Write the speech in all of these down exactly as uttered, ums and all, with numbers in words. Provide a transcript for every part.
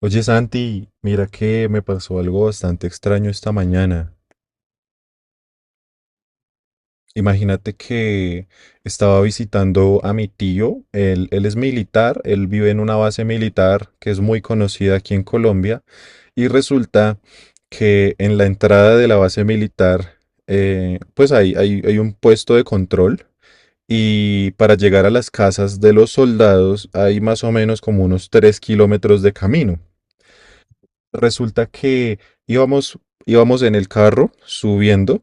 Oye Santi, mira que me pasó algo bastante extraño esta mañana. Imagínate que estaba visitando a mi tío, él, él es militar, él vive en una base militar que es muy conocida aquí en Colombia y resulta que en la entrada de la base militar, eh, pues hay, hay, hay un puesto de control y para llegar a las casas de los soldados hay más o menos como unos tres kilómetros de camino. Resulta que íbamos, íbamos en el carro subiendo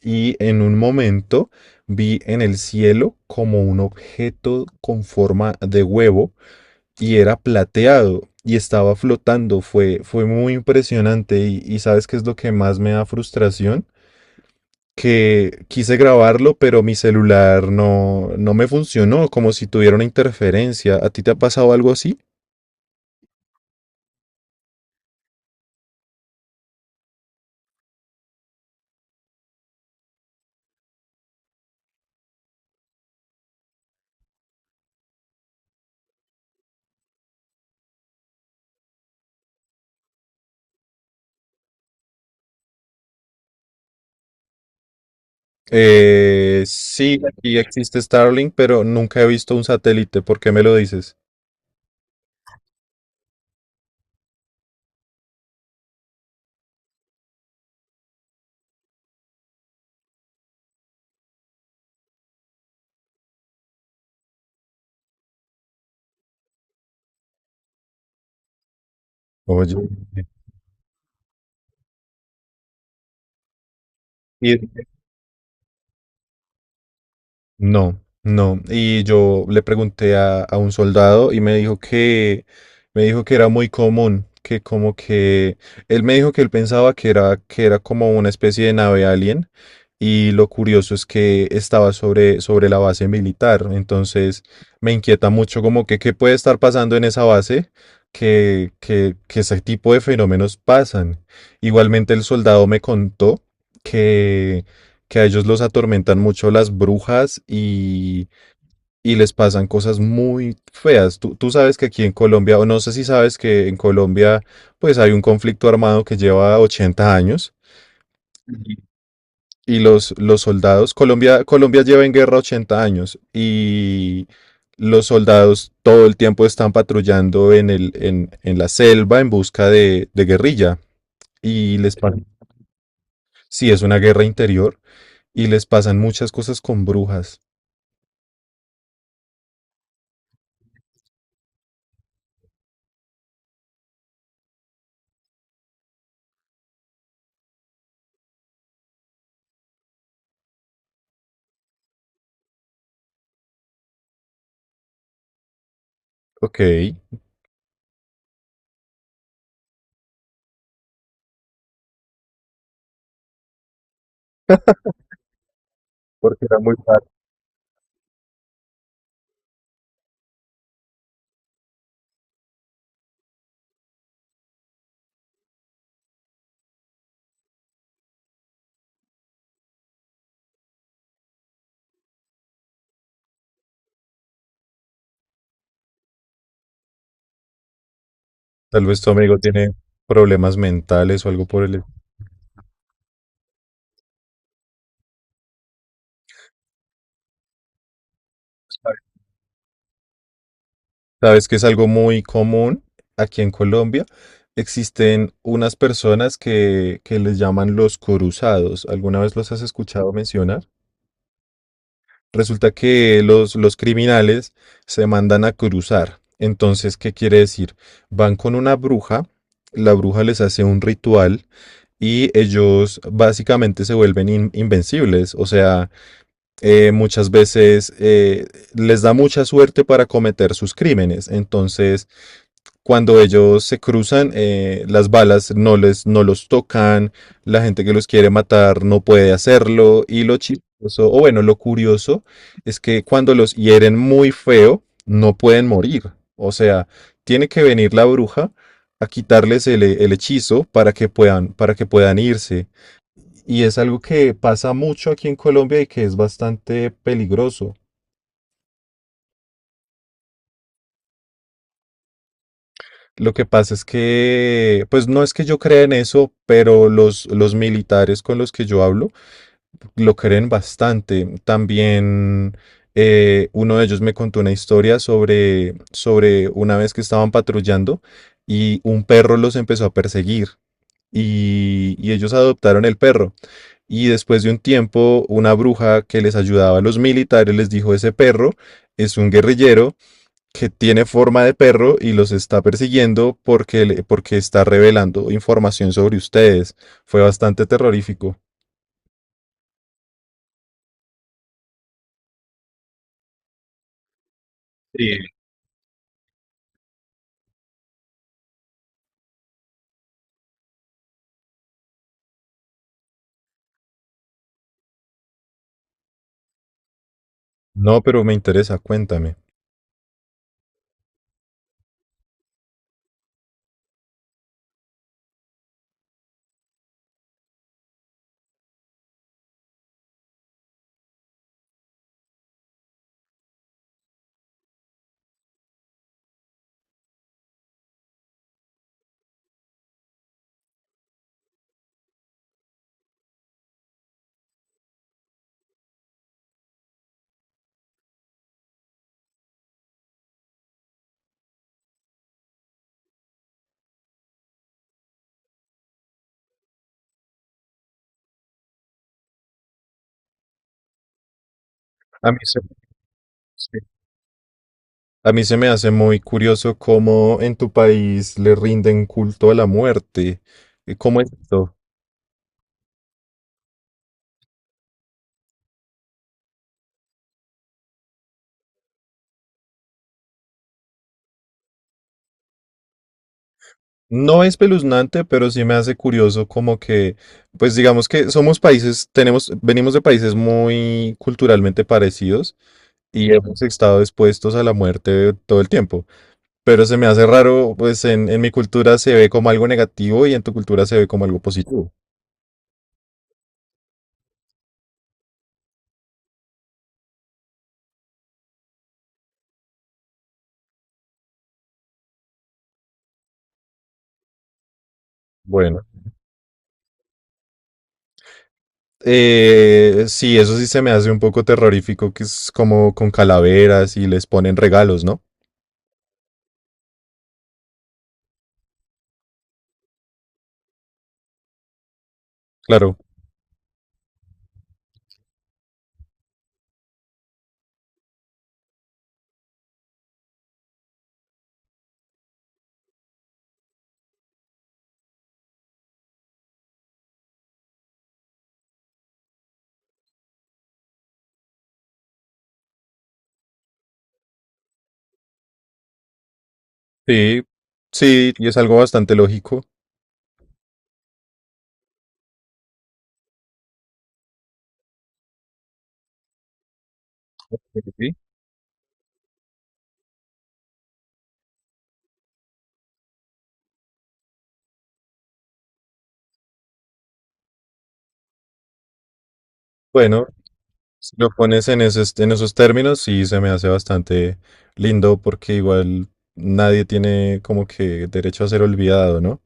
y en un momento vi en el cielo como un objeto con forma de huevo y era plateado y estaba flotando. Fue, fue muy impresionante y, y ¿sabes qué es lo que más me da frustración? Que quise grabarlo, pero mi celular no, no me funcionó, como si tuviera una interferencia. ¿A ti te ha pasado algo así? Eh, sí, aquí existe Starlink, pero nunca he visto un satélite. ¿Por qué me lo dices? Oye. No, no. Y yo le pregunté a, a un soldado y me dijo que me dijo que era muy común, que como que él me dijo que él pensaba que era que era como una especie de nave alien. Y lo curioso es que estaba sobre, sobre la base militar, entonces me inquieta mucho como que qué puede estar pasando en esa base, que, que, que ese tipo de fenómenos pasan. Igualmente el soldado me contó que, que a ellos los atormentan mucho las brujas y, y les pasan cosas muy feas. Tú, tú sabes que aquí en Colombia, o no sé si sabes que en Colombia pues hay un conflicto armado que lleva ochenta años. Y los, los soldados, Colombia, Colombia lleva en guerra ochenta años y los soldados todo el tiempo están patrullando en el, en, en la selva en busca de, de guerrilla. Y les pasa, sí, es una guerra interior y les pasan muchas cosas con brujas. Ok, porque era muy raro. Tal vez tu amigo tiene problemas mentales o algo por el estilo. Sabes que es algo muy común aquí en Colombia. Existen unas personas que, que les llaman los coruzados. ¿Alguna vez los has escuchado mencionar? Resulta que los, los criminales se mandan a cruzar. Entonces, ¿qué quiere decir? Van con una bruja, la bruja les hace un ritual y ellos básicamente se vuelven in- invencibles. O sea, eh, muchas veces eh, les da mucha suerte para cometer sus crímenes. Entonces, cuando ellos se cruzan, eh, las balas no les, no los tocan, la gente que los quiere matar no puede hacerlo, y lo chistoso, o bueno, lo curioso, es que cuando los hieren muy feo, no pueden morir. O sea, tiene que venir la bruja a quitarles el, el hechizo para que puedan, para que puedan irse. Y es algo que pasa mucho aquí en Colombia y que es bastante peligroso. Lo que pasa es que, pues no es que yo crea en eso, pero los, los militares con los que yo hablo lo creen bastante. También eh, uno de ellos me contó una historia sobre, sobre una vez que estaban patrullando y un perro los empezó a perseguir y, y ellos adoptaron el perro. Y después de un tiempo, una bruja que les ayudaba a los militares les dijo, ese perro es un guerrillero que tiene forma de perro y los está persiguiendo porque, le- porque está revelando información sobre ustedes. Fue bastante terrorífico. No, pero me interesa, cuéntame. A mí se, sí. A mí se me hace muy curioso cómo en tu país le rinden culto a la muerte. Eh, ¿Cómo es esto? No es espeluznante, pero sí me hace curioso como que, pues digamos que somos países, tenemos, venimos de países muy culturalmente parecidos y ujú, hemos estado expuestos a la muerte todo el tiempo. Pero se me hace raro, pues en, en mi cultura se ve como algo negativo y en tu cultura se ve como algo positivo. Bueno, eh, sí, eso sí se me hace un poco terrorífico, que es como con calaveras y les ponen regalos, ¿no? Claro. Sí, sí, y es algo bastante lógico. Sí. Bueno, si lo pones en esos, en esos términos, sí se me hace bastante lindo porque igual nadie tiene como que derecho a ser olvidado, ¿no?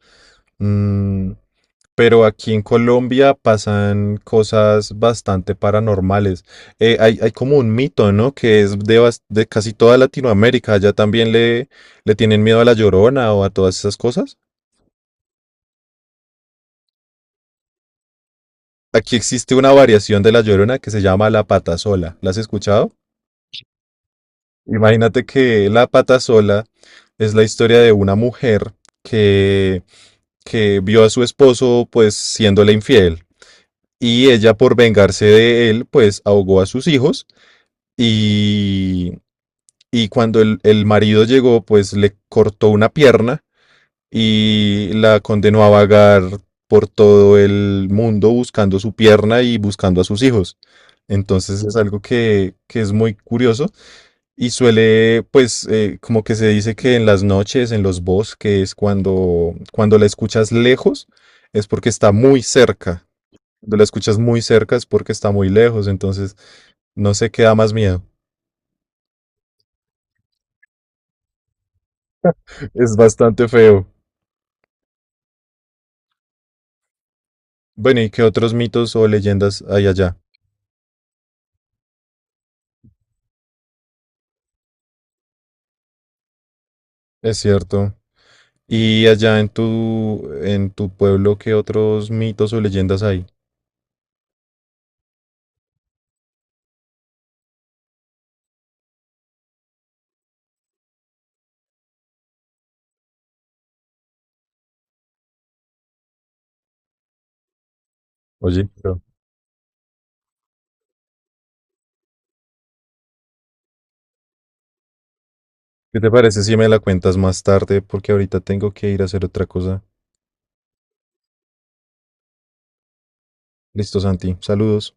Mm. Pero aquí en Colombia pasan cosas bastante paranormales. Eh, hay, hay como un mito, ¿no? Que es de, bas- de casi toda Latinoamérica. Allá también le, le tienen miedo a la Llorona o a todas esas cosas. Aquí existe una variación de la Llorona que se llama la Patasola. ¿La has escuchado? Imagínate que la Patasola es la historia de una mujer que, que vio a su esposo pues siéndole infiel. Y ella por vengarse de él pues ahogó a sus hijos y, y cuando el, el marido llegó, pues le cortó una pierna y la condenó a vagar por todo el mundo buscando su pierna y buscando a sus hijos. Entonces es algo que, que es muy curioso y suele, pues, eh, como que se dice que en las noches, en los bosques, cuando, cuando la escuchas lejos, es porque está muy cerca. Cuando la escuchas muy cerca es porque está muy lejos. Entonces, no sé qué da más miedo. Es bastante feo. Bueno, ¿y qué otros mitos o leyendas hay allá? Es cierto. ¿Y allá en tu, en tu pueblo, qué otros mitos o leyendas hay? Oye, pero, ¿qué te parece si me la cuentas más tarde? Porque ahorita tengo que ir a hacer otra cosa. Listo, Santi. Saludos.